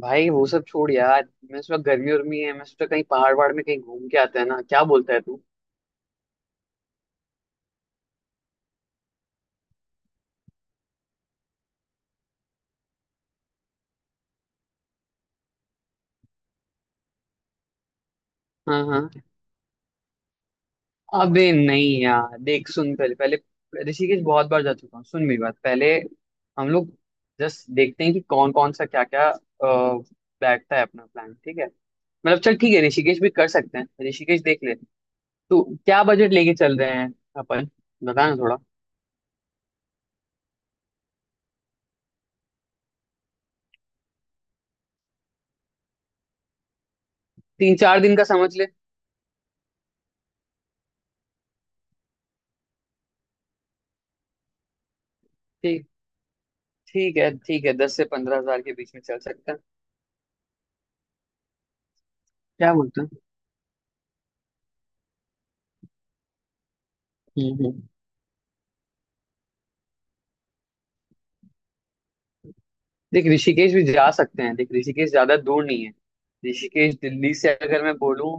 भाई वो सब छोड़ यार, मैं इस वक्त गर्मी उर्मी है, मैं सोचा कहीं पहाड़ वहाड़ में कहीं घूम के आते हैं ना, क्या बोलता है तू। हाँ हाँ। अबे नहीं यार, देख सुन, पहले पहले ऋषिकेश बहुत बार जा चुका हूँ, सुन मेरी बात पहले। हम लोग जस्ट देखते हैं कि कौन कौन सा क्या क्या बैठता है अपना प्लान, ठीक है। मतलब चल ठीक है, ऋषिकेश भी कर सकते हैं, ऋषिकेश देख ले। तो क्या बजट लेके चल रहे हैं अपन, बता ना थोड़ा। तीन चार दिन का समझ ले। ठीक, ठीक है ठीक है, 10 से 15 हज़ार के बीच में चल सकता है। क्या बोलते हैं। हम्म हम्म। देख ऋषिकेश भी जा सकते हैं, देख ऋषिकेश ज्यादा दूर नहीं है। ऋषिकेश दिल्ली से अगर मैं बोलूँ,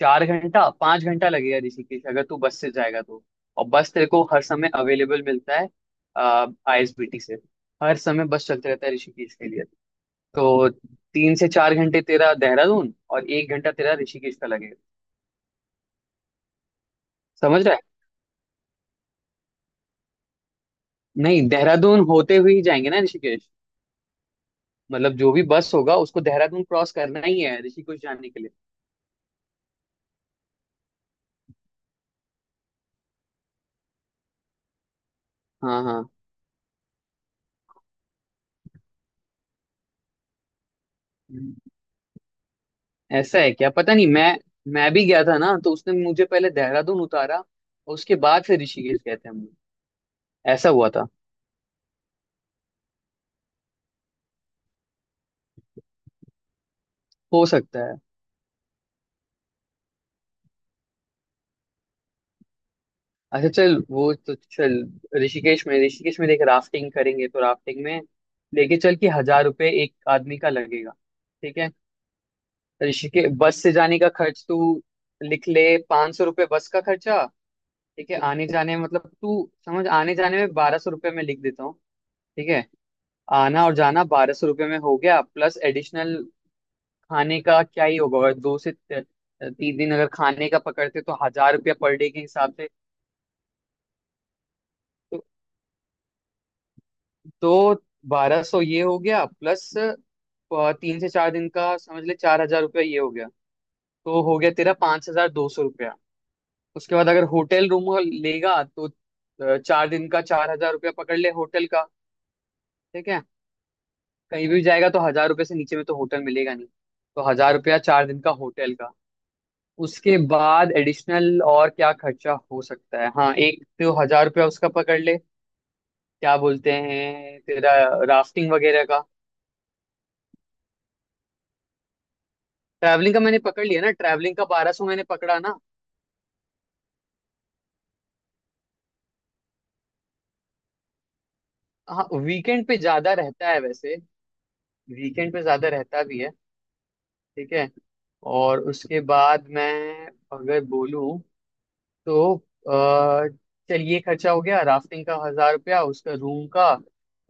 4 घंटा 5 घंटा लगेगा ऋषिकेश, अगर तू बस से जाएगा तो। और बस तेरे को हर समय अवेलेबल मिलता है आईएसबीटी से, हर समय बस चलते रहता है ऋषिकेश के लिए। तो 3 से 4 घंटे तेरा देहरादून और 1 घंटा तेरा ऋषिकेश का लगेगा। समझ रहा है। नहीं, देहरादून होते हुए ही जाएंगे ना ऋषिकेश, मतलब जो भी बस होगा उसको देहरादून क्रॉस करना ही है ऋषिकेश जाने के लिए। हाँ हाँ। ऐसा है क्या, पता नहीं, मैं मैं भी गया था ना तो उसने मुझे पहले देहरादून उतारा और उसके बाद फिर ऋषिकेश गए थे हम लोग। ऐसा हुआ था। हो सकता है। अच्छा चल, वो तो चल। ऋषिकेश में देख राफ्टिंग करेंगे तो राफ्टिंग में लेके चल के 1000 रुपये एक आदमी का लगेगा। ठीक है। ऋषिकेश बस से जाने का खर्च तू लिख ले, 500 रुपये बस का खर्चा। ठीक है, आने जाने में मतलब तू समझ, आने जाने में 1200 रुपये में लिख देता हूँ। ठीक है, आना और जाना 1200 रुपये में हो गया, प्लस एडिशनल खाने का क्या ही होगा, और 3 दिन अगर खाने का पकड़ते तो 1000 रुपया पर डे के हिसाब से। तो दो 1200 ये हो गया, प्लस 3 से 4 दिन का समझ ले, 4000 रुपया ये हो गया। तो हो गया तेरा 5200 रुपया। उसके बाद अगर होटल रूम लेगा तो 4 दिन का 4000 रुपया पकड़ ले होटल का। ठीक है। कहीं भी जाएगा तो 1000 रुपये से नीचे में तो होटल मिलेगा नहीं, तो 1000 रुपया 4 दिन का होटल का। उसके बाद एडिशनल और क्या खर्चा हो सकता है, हाँ एक तो 1000 रुपया उसका पकड़ ले। क्या बोलते हैं तेरा, राफ्टिंग वगैरह का। ट्रैवलिंग का मैंने पकड़ लिया ना, ट्रैवलिंग का 1200 मैंने पकड़ा ना। हाँ वीकेंड पे ज्यादा रहता है वैसे, वीकेंड पे ज्यादा रहता भी है। ठीक है। और उसके बाद मैं अगर बोलूँ तो अ, चलिए खर्चा हो गया राफ्टिंग का, 1000 रुपया उसका, रूम का,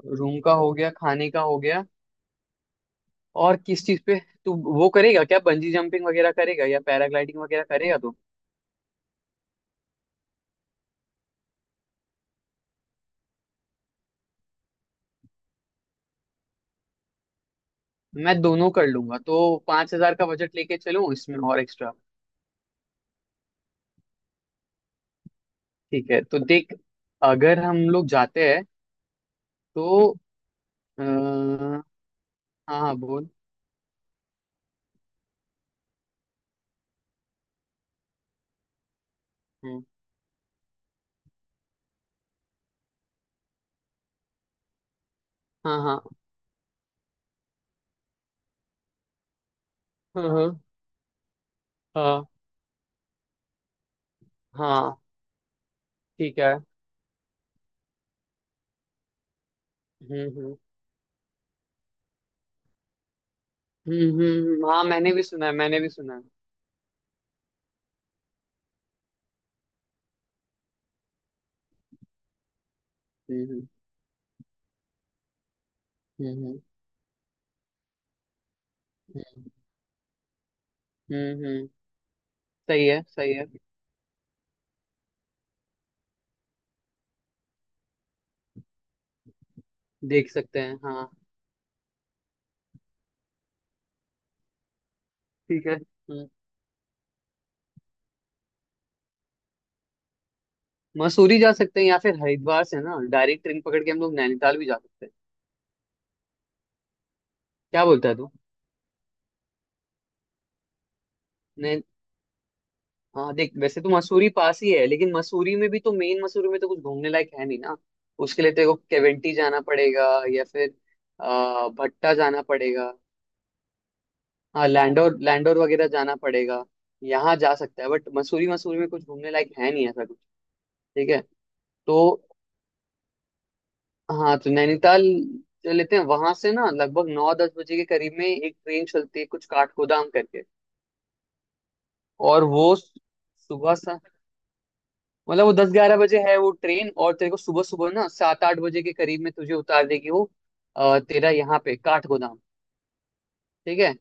रूम का हो गया, खाने का हो गया, और किस चीज पे तू वो करेगा, क्या बंजी जंपिंग वगैरह करेगा या पैराग्लाइडिंग वगैरह करेगा तो। मैं दोनों कर लूंगा, तो 5000 का बजट लेके चलूं इसमें और एक्स्ट्रा। ठीक है तो देख, अगर हम लोग जाते हैं तो। हाँ, हाँ बोल। हम्म, हाँ हाँ। हाँ हाँ। हाँ हाँ, ठीक है। हम्म हम्म हाँ मैंने भी सुना है, मैंने भी सुना है। हम्म हम्म हम्म हम्म हम्म, हम्म, हम्म, सही है सही है। देख सकते हैं हाँ। ठीक है। हम्म। मसूरी जा सकते हैं या फिर हरिद्वार से ना डायरेक्ट ट्रेन पकड़ के हम लोग नैनीताल भी जा सकते हैं। क्या बोलता है तू। नै हाँ देख, वैसे तो मसूरी पास ही है, लेकिन मसूरी में भी तो, मेन मसूरी में तो कुछ घूमने लायक है नहीं ना। उसके लिए तेरे को केवेंटी जाना पड़ेगा, या फिर भट्टा जाना पड़ेगा। हाँ लैंडोर, लैंडोर वगैरह जाना पड़ेगा, यहाँ जा सकता है, बट मसूरी, मसूरी में कुछ घूमने लायक है नहीं ऐसा कुछ। ठीक है। तो हाँ, तो नैनीताल जो लेते हैं वहां से ना, लगभग 9-10 बजे के करीब में एक ट्रेन चलती है कुछ काठगोदाम करके। और वो सुबह सा, मतलब वो 10-11 बजे है वो ट्रेन, और तेरे को सुबह सुबह ना 7-8 बजे के करीब में तुझे उतार देगी वो, तेरा यहाँ पे काठ गोदाम। ठीक है।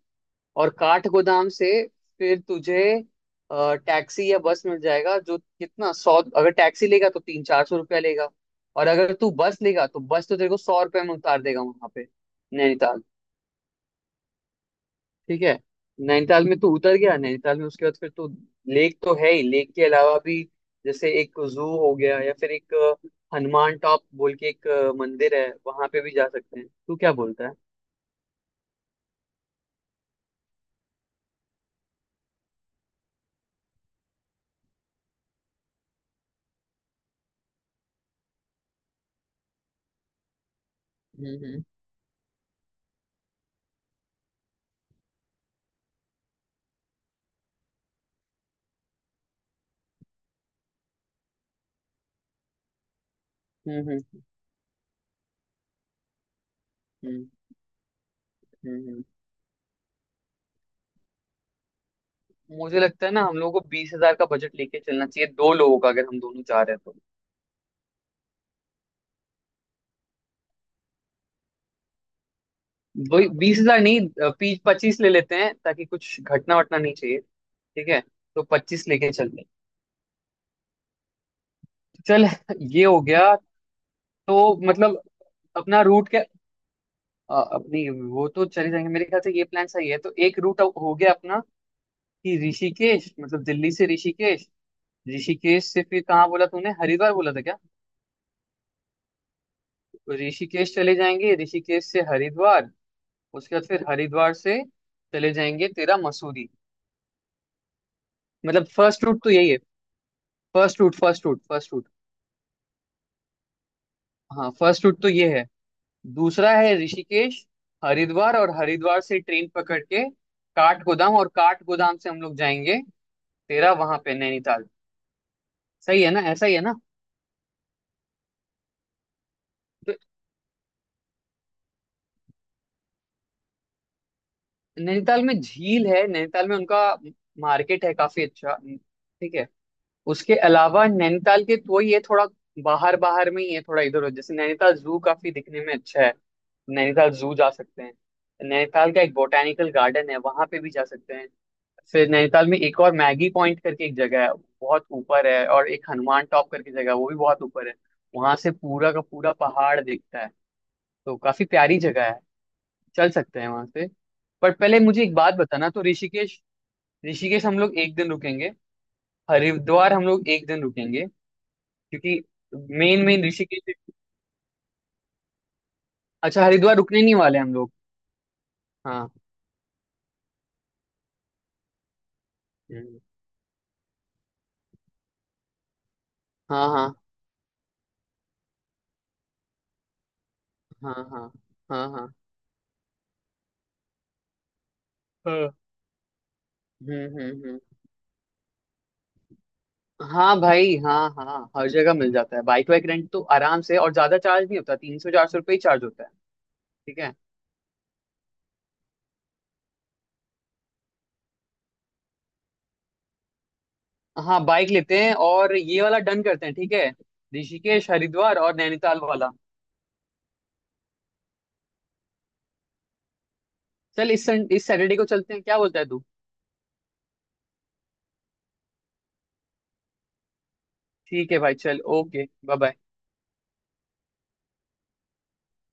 और काठ गोदाम से फिर तुझे टैक्सी या बस मिल जाएगा, जो कितना सौ, अगर टैक्सी लेगा तो 300-400 रुपया लेगा, और अगर तू बस लेगा तो बस तो तेरे को 100 रुपये में उतार देगा वहां पे, नैनीताल। ठीक है। नैनीताल में तू उतर गया, नैनीताल में उसके बाद फिर तू, लेक तो है ही, लेक के अलावा भी जैसे एक जू हो गया, या फिर एक हनुमान टॉप बोल के एक मंदिर है, वहां पे भी जा सकते हैं, तू क्या बोलता है। हम्म हम्म हम्म हम्म हम्म, हम्म। मुझे लगता है ना हम लोगों को 20 हज़ार का बजट लेके चलना चाहिए, दो लोगों का, अगर हम दोनों जा रहे हैं तो। वही 20 हज़ार नहीं, 20-25 ले लेते हैं, ताकि कुछ घटना वटना नहीं चाहिए। ठीक है, तो 25 लेके चलते हैं, चल। ये हो गया। तो मतलब अपना रूट, अपनी वो तो चले जाएंगे, मेरे ख्याल से ये प्लान सही है। तो एक रूट हो गया अपना कि ऋषिकेश, मतलब दिल्ली से ऋषिकेश, ऋषिकेश से फिर कहाँ बोला तूने, हरिद्वार बोला था क्या। तो ऋषिकेश चले जाएंगे, ऋषिकेश से हरिद्वार, उसके बाद फिर हरिद्वार से चले जाएंगे तेरा मसूरी। मतलब फर्स्ट रूट तो यही है, first route, first route, first route. हाँ फर्स्ट रूट तो ये है। दूसरा है ऋषिकेश, हरिद्वार, और हरिद्वार से ट्रेन पकड़ के काठगोदाम, और काठगोदाम से हम लोग जाएंगे तेरा वहां पे नैनीताल। सही है ना, ऐसा ही है ना। तो नैनीताल में झील है, नैनीताल में उनका मार्केट है काफी अच्छा। ठीक है। उसके अलावा नैनीताल के तो ये थोड़ा बाहर बाहर में ही है, थोड़ा इधर उधर जैसे, नैनीताल जू काफी दिखने में अच्छा है, नैनीताल जू जा सकते हैं। नैनीताल का एक बोटेनिकल गार्डन है, वहां पे भी जा सकते हैं। फिर नैनीताल में एक और मैगी पॉइंट करके एक जगह है, बहुत ऊपर है, और एक हनुमान टॉप करके जगह है, वो भी बहुत ऊपर है, वहां से पूरा का पूरा पहाड़ दिखता है, तो काफी प्यारी जगह है, चल सकते हैं वहां से। पर पहले मुझे एक बात बताना, तो ऋषिकेश, ऋषिकेश हम लोग 1 दिन रुकेंगे, हरिद्वार हम लोग एक दिन रुकेंगे, क्योंकि मेन मेन ऋषिकेश। अच्छा, हरिद्वार रुकने नहीं वाले हम लोग। हाँ। हम्म, हाँ हाँ हाँ। हाँ हाँ हाँ हाँ। हम्म। हाँ भाई, हाँ हाँ, हर जगह मिल जाता है बाइक वाइक रेंट तो आराम से, और ज्यादा चार्ज नहीं होता, 300-400 रुपये ही चार्ज होता है। ठीक है, हाँ बाइक लेते हैं और ये वाला डन करते हैं, ठीक है, ऋषिकेश हरिद्वार और नैनीताल वाला। चल इस सैटरडे को चलते हैं, क्या बोलता है तू। ठीक है भाई चल, ओके बाय बाय।